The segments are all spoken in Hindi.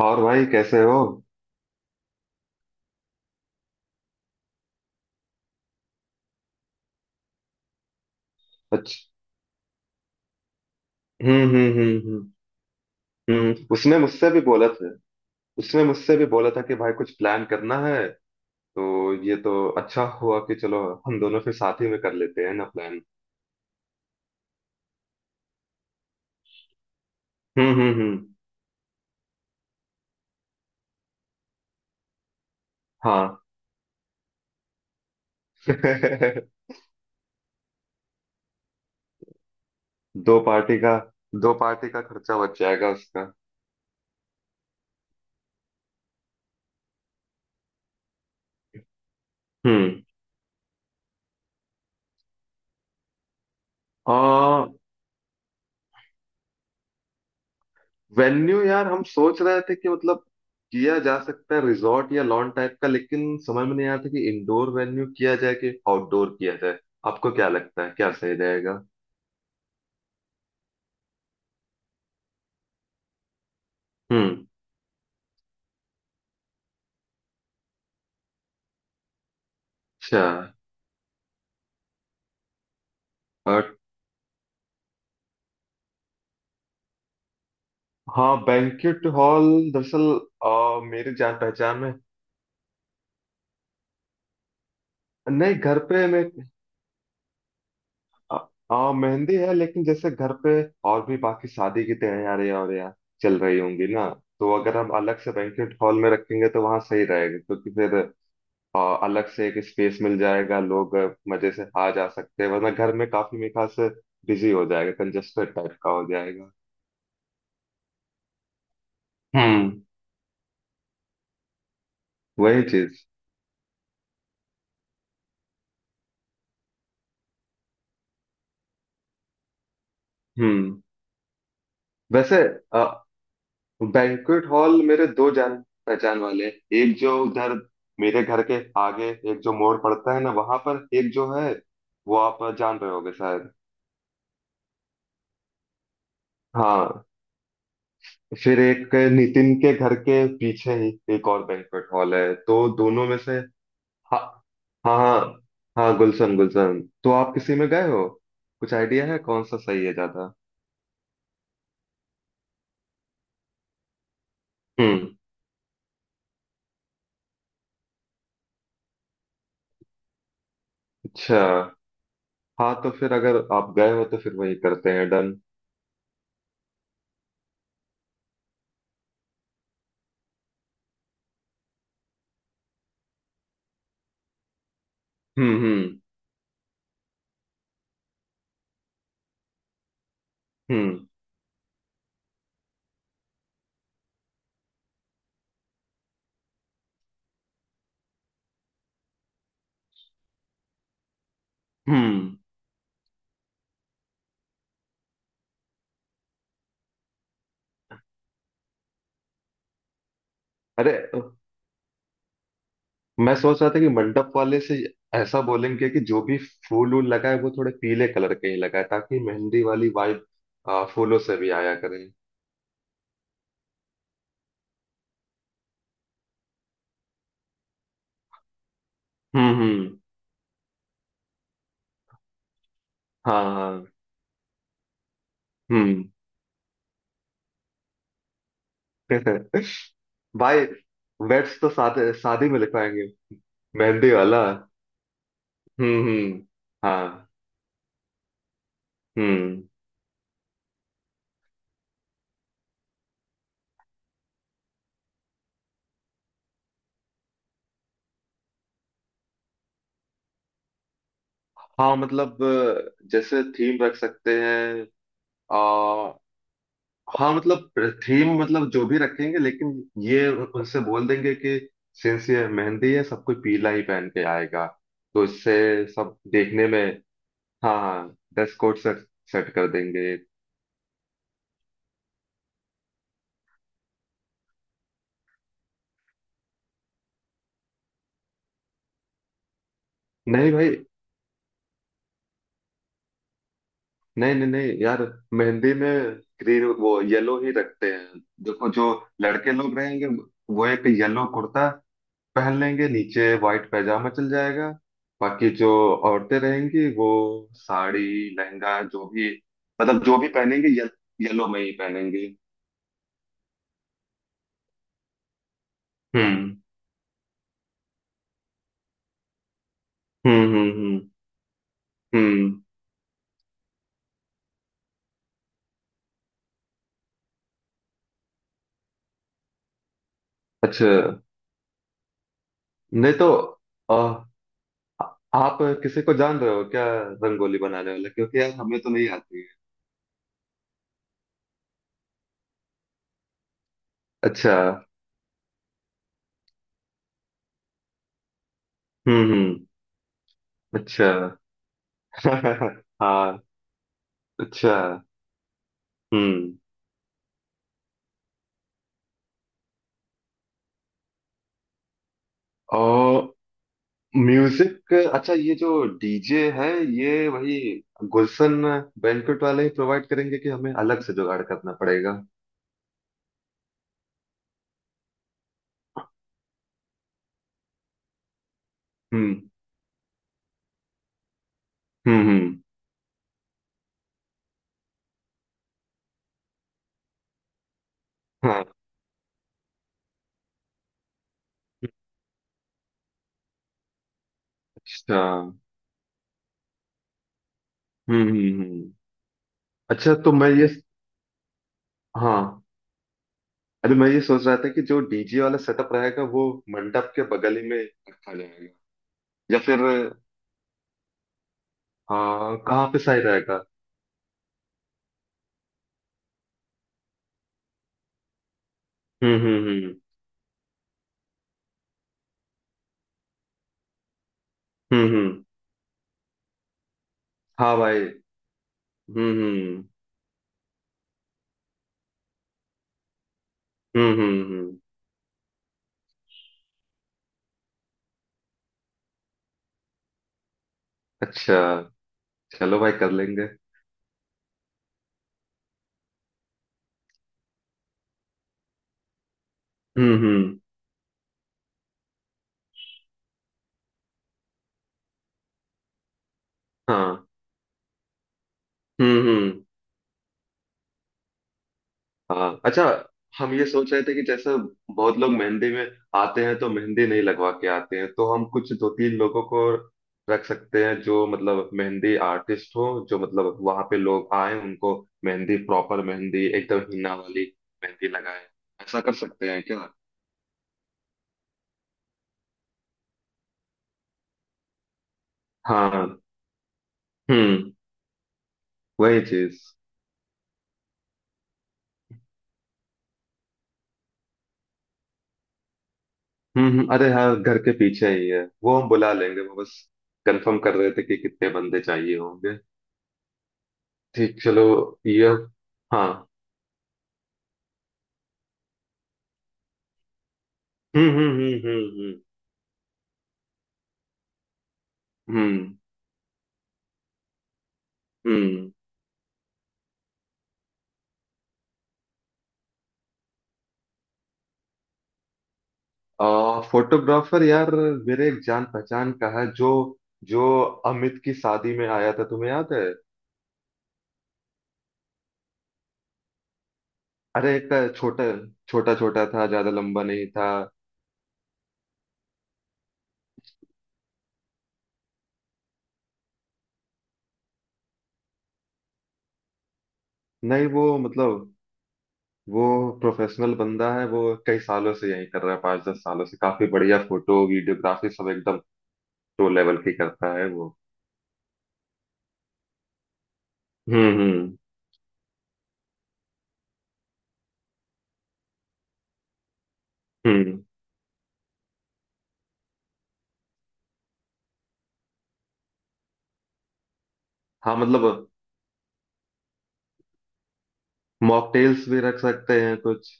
और भाई कैसे हो? अच्छा। हम्म। उसने मुझसे भी बोला था। उसने मुझसे भी बोला था कि भाई कुछ प्लान करना है। तो ये तो अच्छा हुआ कि चलो हम दोनों फिर साथ ही में कर लेते हैं ना प्लान। हम्म। हाँ। दो पार्टी का दो पार्टी का खर्चा बच जाएगा उसका। हम्म। आ, वेन्यू यार हम सोच रहे थे कि मतलब किया जा सकता है रिजॉर्ट या लॉन टाइप का, लेकिन समझ में नहीं आ रहा था कि इंडोर वेन्यू किया जाए कि आउटडोर किया जाए। आपको क्या लगता है क्या सही रहेगा? हम्म। अच्छा। और। हाँ, बैंक्वेट हॉल। दरअसल, मेरे जान पहचान में। नहीं, घर पे मैं आ, आ, मेहंदी है लेकिन जैसे घर पे और भी बाकी शादी की तैयारी और यहाँ चल रही होंगी ना, तो अगर हम अलग से बैंक्वेट हॉल में रखेंगे तो वहाँ सही रहेगा क्योंकि फिर और अलग से एक स्पेस मिल जाएगा। लोग मजे से आ जा सकते हैं, वरना घर में काफी मेरे ख्याल से बिजी हो जाएगा, कंजेस्टेड टाइप का हो जाएगा। हम्म। वही चीज। हम्म। वैसे, बैंक्वेट हॉल मेरे दो जान पहचान वाले हैं। एक जो उधर मेरे घर के आगे एक जो मोड़ पड़ता है ना, वहां पर एक जो है वो आप जान रहे होगे शायद। हाँ, फिर एक नितिन के घर के पीछे ही एक और बैंक्वेट हॉल है, तो दोनों में से। हाँ। हाँ हाँ। हाँ, गुलशन गुलशन, तो आप किसी में गए हो? कुछ आइडिया है कौन सा सही है ज्यादा? हम्म। अच्छा। हाँ, तो फिर अगर आप गए हो तो फिर वही करते हैं। डन। हम्म हम्म हम्म। हम्म। अरे, मैं सोच रहा था कि मंडप वाले से ऐसा बोलेंगे कि जो भी फूल वूल लगाए वो थोड़े पीले कलर के ही लगाए ताकि मेहंदी वाली वाइब फूलों से भी आया करे। हम्म। हाँ हाँ। हम्म। भाई, वेट्स तो शादी शादी में लिखवाएंगे। मेहंदी वाला। हम्म। हाँ। हम्म। हाँ, मतलब जैसे थीम रख सकते हैं। आ, हाँ, मतलब थीम मतलब जो भी रखेंगे, लेकिन ये उनसे बोल देंगे कि सिंस ये मेहंदी है सब कोई पीला ही पहन के आएगा। तो इससे सब देखने में। हाँ हाँ, ड्रेस कोड। सेट सेट कर देंगे। नहीं भाई। नहीं नहीं नहीं यार, मेहंदी में ग्रीन, वो येलो ही रखते हैं। देखो जो लड़के लोग रहेंगे वो एक येलो कुर्ता पहन लेंगे, नीचे व्हाइट पैजामा चल जाएगा। बाकी जो औरतें रहेंगी वो साड़ी, लहंगा, जो भी, मतलब जो भी पहनेंगे, येलो में ही पहनेंगे। हम्म हम्म। हम्म। अच्छा। नहीं, तो अ, आ, आप किसी को जान रहे हो क्या, रंगोली बनाने वाला? क्योंकि यार हमें तो नहीं आती है। अच्छा। हम्म। अच्छा। हाँ। अच्छा। हम्म। और म्यूजिक, अच्छा ये जो डीजे है ये वही गुलशन बैंक्वेट वाले ही प्रोवाइड करेंगे कि हमें अलग से जुगाड़ करना पड़ेगा? हम्म हम्म। हाँ। अच्छा। हम्म हम्म। अच्छा, तो मैं ये हाँ। अरे, मैं ये सोच रहा था कि जो डीजे वाला सेटअप रहेगा वो मंडप के बगल ही में रखा जाएगा, या फिर? हाँ, कहाँ पे सही रहेगा? हम्म। हम्म हम्म। हाँ भाई। हम्म हम्म हम्म। अच्छा, चलो भाई कर लेंगे। हम्म। हाँ। हम्म। हाँ। अच्छा। हम ये सोच रहे थे कि जैसे बहुत लोग मेहंदी में आते हैं तो मेहंदी नहीं लगवा के आते हैं, तो हम कुछ दो तीन लोगों को रख सकते हैं जो मतलब मेहंदी आर्टिस्ट हो, जो मतलब वहां पे लोग आए उनको मेहंदी, प्रॉपर मेहंदी, एकदम हिना वाली मेहंदी लगाए। ऐसा कर सकते हैं क्या? हाँ। हम्म। वही चीज। अरे हाँ, घर के पीछे ही है वो। हम बुला लेंगे, वो बस कंफर्म कर रहे थे कि कितने बंदे चाहिए होंगे। ठीक, चलो। ये। हाँ। हम्म। हम्म हम्म हम्म। फोटोग्राफर यार, मेरे एक जान पहचान का है जो जो अमित की शादी में आया था, तुम्हें याद है? अरे, एक छोटा, छोटा छोटा था, ज्यादा लंबा नहीं था। नहीं, वो मतलब वो प्रोफेशनल बंदा है वो। कई सालों से यही कर रहा है, पाँच दस सालों से। काफी बढ़िया फोटो वीडियोग्राफी सब एकदम टो लेवल की करता है वो। हम्म हम्म हम्म, हम्म। हाँ, मतलब मॉकटेल्स भी रख सकते हैं कुछ।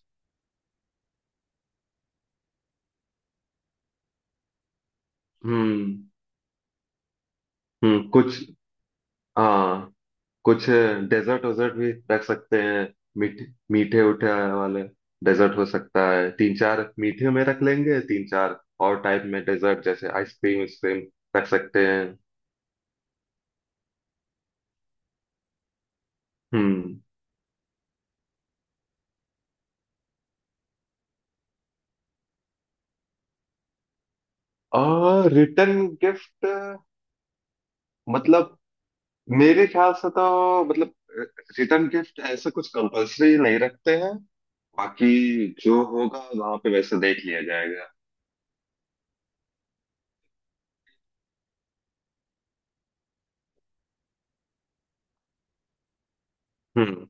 हम्म हम्म। कुछ। हाँ। कुछ डेजर्ट वेजर्ट भी रख सकते हैं। मीठे, मीठे उठे वाले डेजर्ट हो सकता है। तीन चार मीठे में रख लेंगे, तीन चार और टाइप में डेजर्ट जैसे आइसक्रीम, आइसक्रीम रख सकते हैं। हम्म। और रिटर्न गिफ्ट मतलब, मेरे ख्याल से तो मतलब रिटर्न गिफ्ट ऐसा कुछ कंपलसरी नहीं रखते हैं। बाकी जो होगा वहां पे वैसे देख लिया जाएगा। हम्म।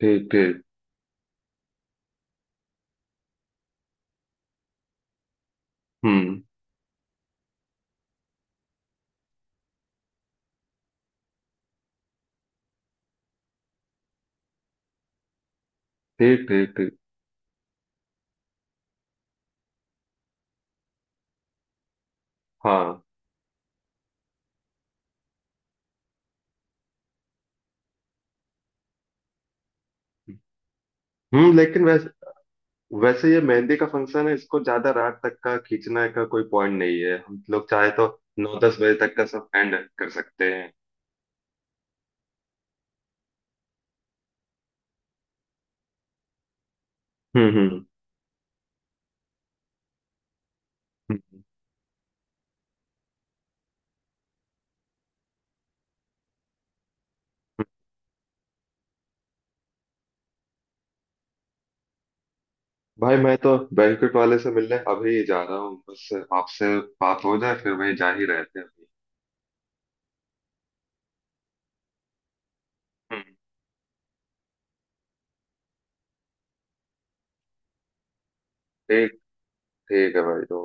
ठीक, ठीक। हम्म। ठीक ठीक ठीक। हाँ। हम्म। लेकिन वैसे वैसे ये मेहंदी का फंक्शन है, इसको ज्यादा रात तक का खींचने का कोई पॉइंट नहीं है। हम लोग चाहे तो नौ दस बजे तक का सब एंड कर सकते हैं। हम्म हम्म हम्म, हम्म। भाई, मैं तो बैंक्वेट वाले से मिलने अभी जा रहा हूँ, बस आपसे बात हो जाए फिर वहीं जा ही रहते हैं अभी। हम्म। ठीक। ठीक है भाई, तो